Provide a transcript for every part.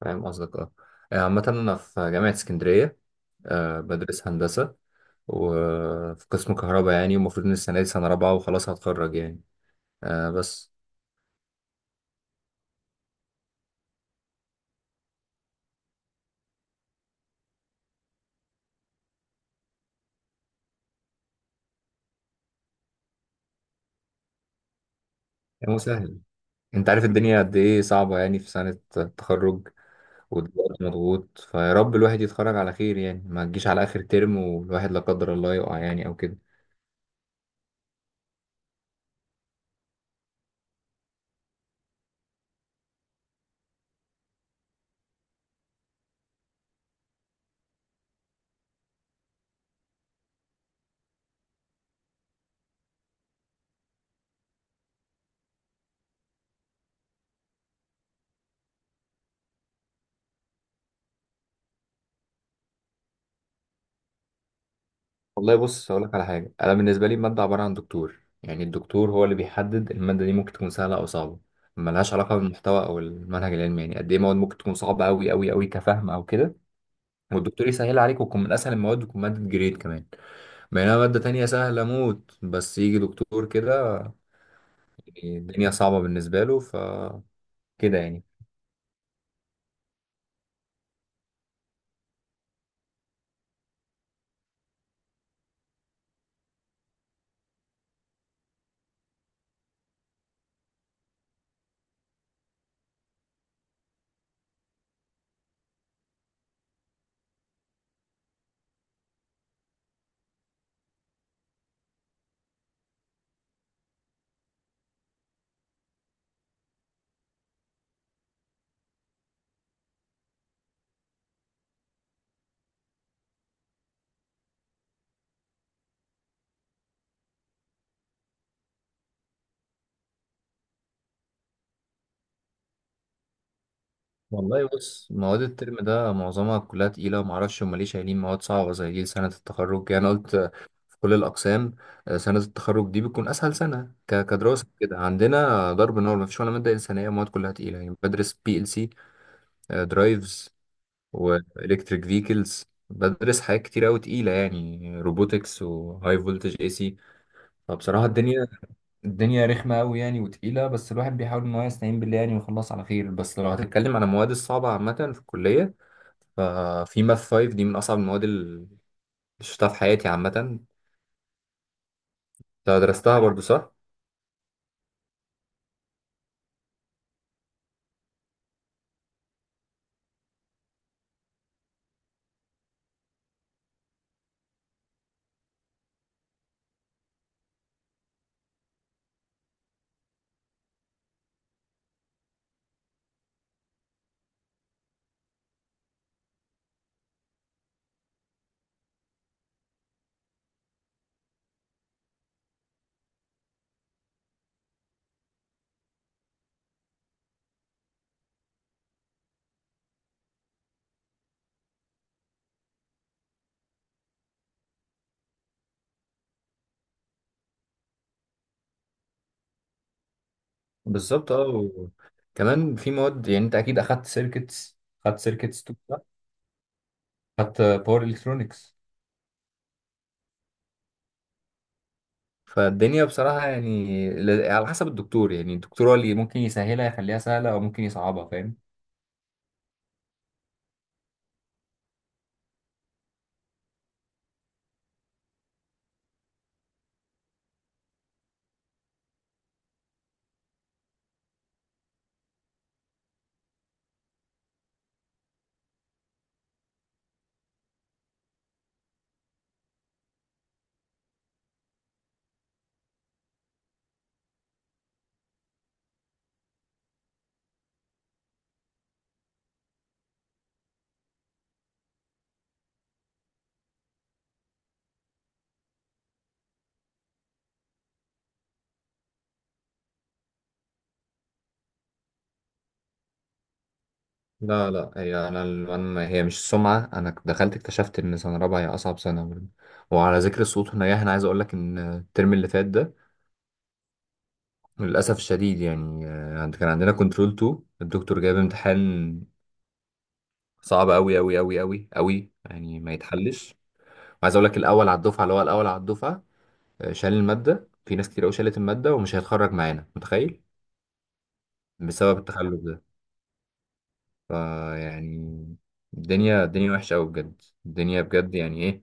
فاهم قصدك عامة أنا في جامعة اسكندرية. بدرس هندسة وفي قسم كهرباء، يعني المفروض إن السنة دي سنة رابعة وخلاص هتخرج يعني. بس يعني مسهل، أنت عارف الدنيا قد إيه صعبة يعني في سنة التخرج، والوقت مضغوط. فيا رب الواحد يتخرج على خير يعني، ما تجيش على آخر ترم والواحد لا قدر الله يقع يعني أو كده. والله بص، هقول لك على حاجه. انا بالنسبه لي الماده عباره عن دكتور، يعني الدكتور هو اللي بيحدد الماده دي ممكن تكون سهله او صعبه. ملهاش علاقه بالمحتوى او المنهج العلمي. يعني قد ايه مواد ممكن تكون صعبه قوي قوي قوي كفهم او كده، والدكتور يسهل عليك وتكون من اسهل المواد وتكون ماده جريد كمان. بينما ماده تانية سهله موت، بس يجي دكتور كده يعني الدنيا صعبه بالنسبه له، ف كده يعني. والله بص، مواد الترم ده معظمها كلها تقيله، ومعرفش هما ليه شايلين مواد صعبه زي دي سنه التخرج يعني. أنا قلت في كل الأقسام سنة التخرج دي بتكون أسهل سنة، كدراسة كده. عندنا ضرب نار، مفيش ولا مادة إنسانية، مواد كلها تقيلة. يعني بدرس بي ال سي درايفز، وإلكتريك فيكلز، بدرس حاجات كتير أوي تقيلة يعني، روبوتكس وهاي فولتج اي سي. فبصراحة الدنيا رخمة أوي يعني وتقيلة، بس الواحد بيحاول إن هو يستعين بالله يعني ويخلص على خير. بس لو هتتكلم عن المواد الصعبة عامة في الكلية، ففي ماث 5 دي من أصعب المواد اللي شفتها في حياتي عامة. أنت درستها برضو صح؟ بالظبط. كمان في مواد، يعني انت اكيد اخدت سيركتس، اخدت سيركتس تو صح؟ اخدت باور الكترونكس. فالدنيا بصراحه يعني، على حسب الدكتور. يعني الدكتور هو اللي ممكن يسهلها يخليها سهله او ممكن يصعبها، فاهم؟ لا لا هي انا انا هي مش السمعه. انا دخلت اكتشفت ان سنه رابعه هي اصعب سنه برضه. وعلى ذكر الصوت والنجاح، انا عايز اقول لك ان الترم اللي فات ده للاسف الشديد يعني، كان عندنا كنترول 2، الدكتور جايب امتحان صعب قوي قوي قوي قوي قوي يعني ما يتحلش. عايز اقول لك الاول على الدفعه، اللي هو الاول على الدفعه، شال الماده. في ناس كتير قوي شالت الماده ومش هيتخرج معانا، متخيل؟ بسبب التخلف ده. فيعني الدنيا وحشه قوي بجد، الدنيا بجد يعني ايه.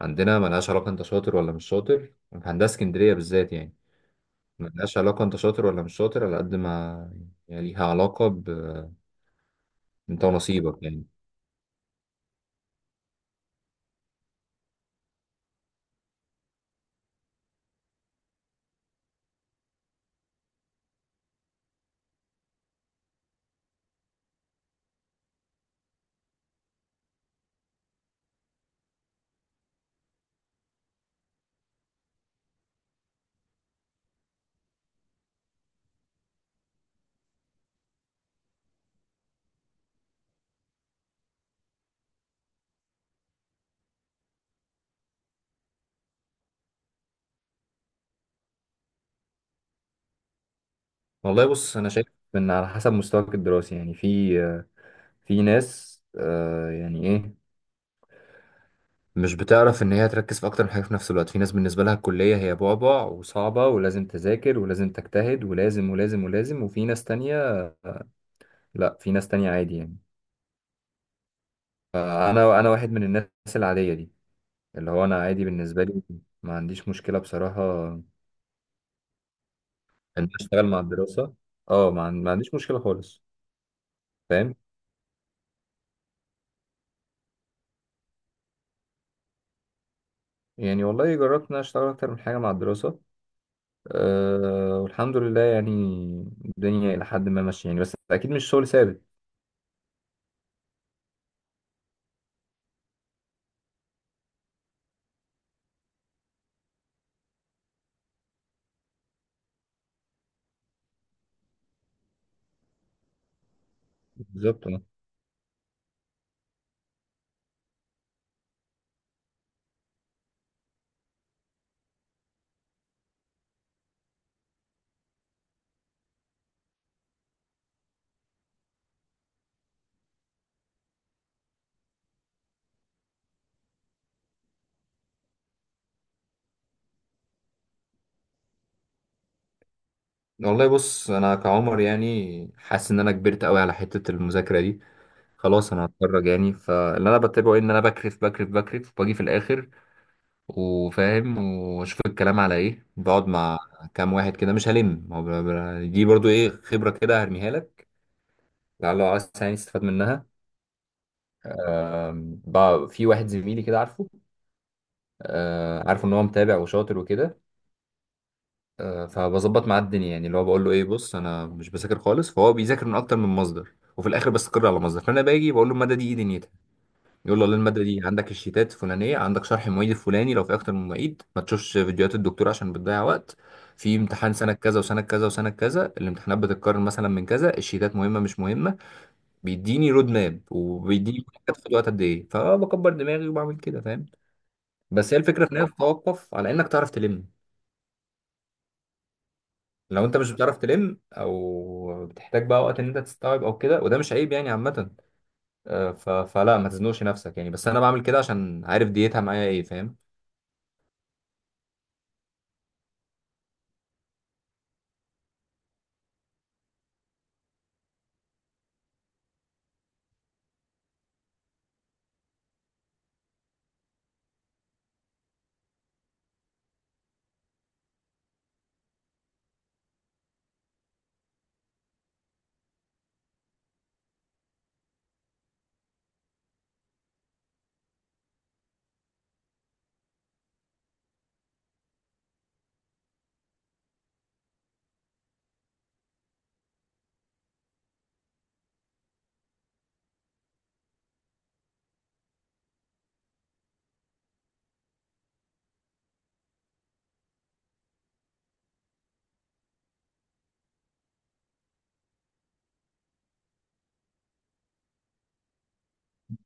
عندنا ملهاش علاقه انت شاطر ولا مش شاطر، في هندسه اسكندريه بالذات يعني. ملهاش علاقه انت شاطر ولا مش شاطر، على قد ما يعني ليها علاقه ب انت ونصيبك يعني. والله بص، انا شايف ان على حسب مستواك الدراسي يعني. في في ناس يعني ايه، مش بتعرف ان هي تركز في اكتر من حاجه في نفس الوقت. في ناس بالنسبه لها الكليه هي بعبع وصعبه، ولازم تذاكر ولازم تجتهد ولازم ولازم ولازم. وفي ناس تانية، لا، في ناس تانية عادي يعني. انا واحد من الناس العاديه دي، اللي هو انا عادي بالنسبه لي، ما عنديش مشكله بصراحه ان أنا اشتغل مع الدراسه. اه، ما عنديش مشكله خالص، فاهم؟ يعني والله جربت ان أنا اشتغل اكتر من حاجه مع الدراسه، أه والحمد لله يعني. الدنيا الى حد ما ماشيه يعني، بس اكيد مش شغل ثابت. بالظبط. والله بص، انا كعمر يعني حاسس ان انا كبرت قوي على حته المذاكره دي، خلاص انا هتخرج يعني. فاللي انا بتابعه ايه، ان انا بكرف بكرف بكرف واجي في الاخر وفاهم، واشوف الكلام على ايه، بقعد مع كام واحد كده مش هلم هو، دي برضو ايه، خبره كده هرميها لك، لعل عايز يعني تستفاد منها. في واحد زميلي كده عارفه، عارفه ان هو متابع وشاطر وكده. فبظبط معاه الدنيا، يعني اللي هو بقول له ايه، بص انا مش بذاكر خالص، فهو بيذاكر من اكتر من مصدر وفي الاخر بستقر على مصدر. فانا باجي بقول له الماده دي ايه دنيتها، يقول له والله الماده دي عندك الشيتات الفلانيه، عندك شرح المعيد الفلاني، لو في اكتر من معيد ما تشوفش فيديوهات الدكتور عشان بتضيع وقت، في امتحان سنه كذا وسنه كذا وسنه كذا الامتحانات بتتكرر مثلا، من كذا الشيتات مهمه مش مهمه، بيديني رود ماب، وبيديني هتاخد وقت قد ايه. فبكبر دماغي وبعمل كده، فاهم؟ بس هي الفكره في انها بتتوقف على انك تعرف تلم. لو انت مش بتعرف تلم او بتحتاج بقى وقت ان انت تستوعب او كده، وده مش عيب يعني عامه. فلا ما تزنقش نفسك يعني. بس انا بعمل كده عشان عارف ديتها معايا ايه، فاهم؟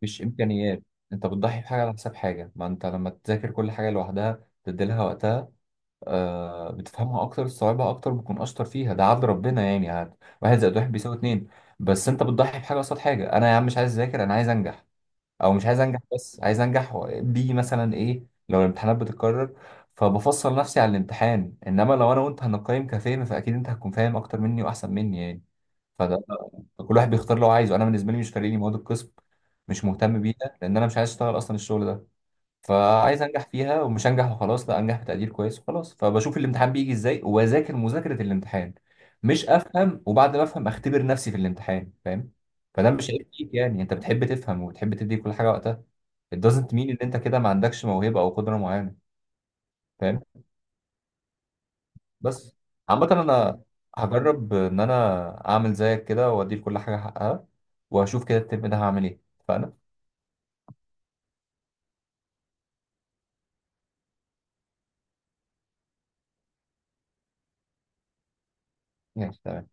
مش امكانيات، انت بتضحي بحاجه على حساب حاجه. ما انت لما تذاكر كل حاجه لوحدها تدي لها وقتها، بتفهمها اكتر، تستوعبها اكتر، بتكون اشطر فيها. ده عدل ربنا يعني عاد. واحد زائد واحد بيساوي اتنين. بس انت بتضحي بحاجه قصاد حاجه. انا يا عم مش عايز اذاكر، انا عايز انجح. او مش عايز انجح بس، عايز انجح و- بي مثلا ايه. لو الامتحانات بتتكرر، فبفصل نفسي على الامتحان. انما لو انا وانت هنقيم كفهم، فاكيد انت هتكون فاهم اكتر مني واحسن مني يعني. فده، كل واحد بيختار اللي هو عايزه. انا بالنسبه لي مش فارق لي مواد القسم، مش مهتم بيها، لان انا مش عايز اشتغل اصلا الشغل ده. فعايز انجح فيها، ومش انجح وخلاص لا، انجح بتقدير كويس وخلاص. فبشوف الامتحان بيجي ازاي، وبذاكر مذاكره الامتحان، مش افهم. وبعد ما افهم اختبر نفسي في الامتحان، فاهم؟ فده مش عيب فيك يعني، انت بتحب تفهم وبتحب تدي كل حاجه وقتها. it doesn't mean ان انت كده ما عندكش موهبه او قدره معينه، فاهم؟ بس عامه انا هجرب ان انا اعمل زيك كده، وادي لكل حاجه حقها، وهشوف كده الترم ده هعمل ايه. فانا ماشي تمام.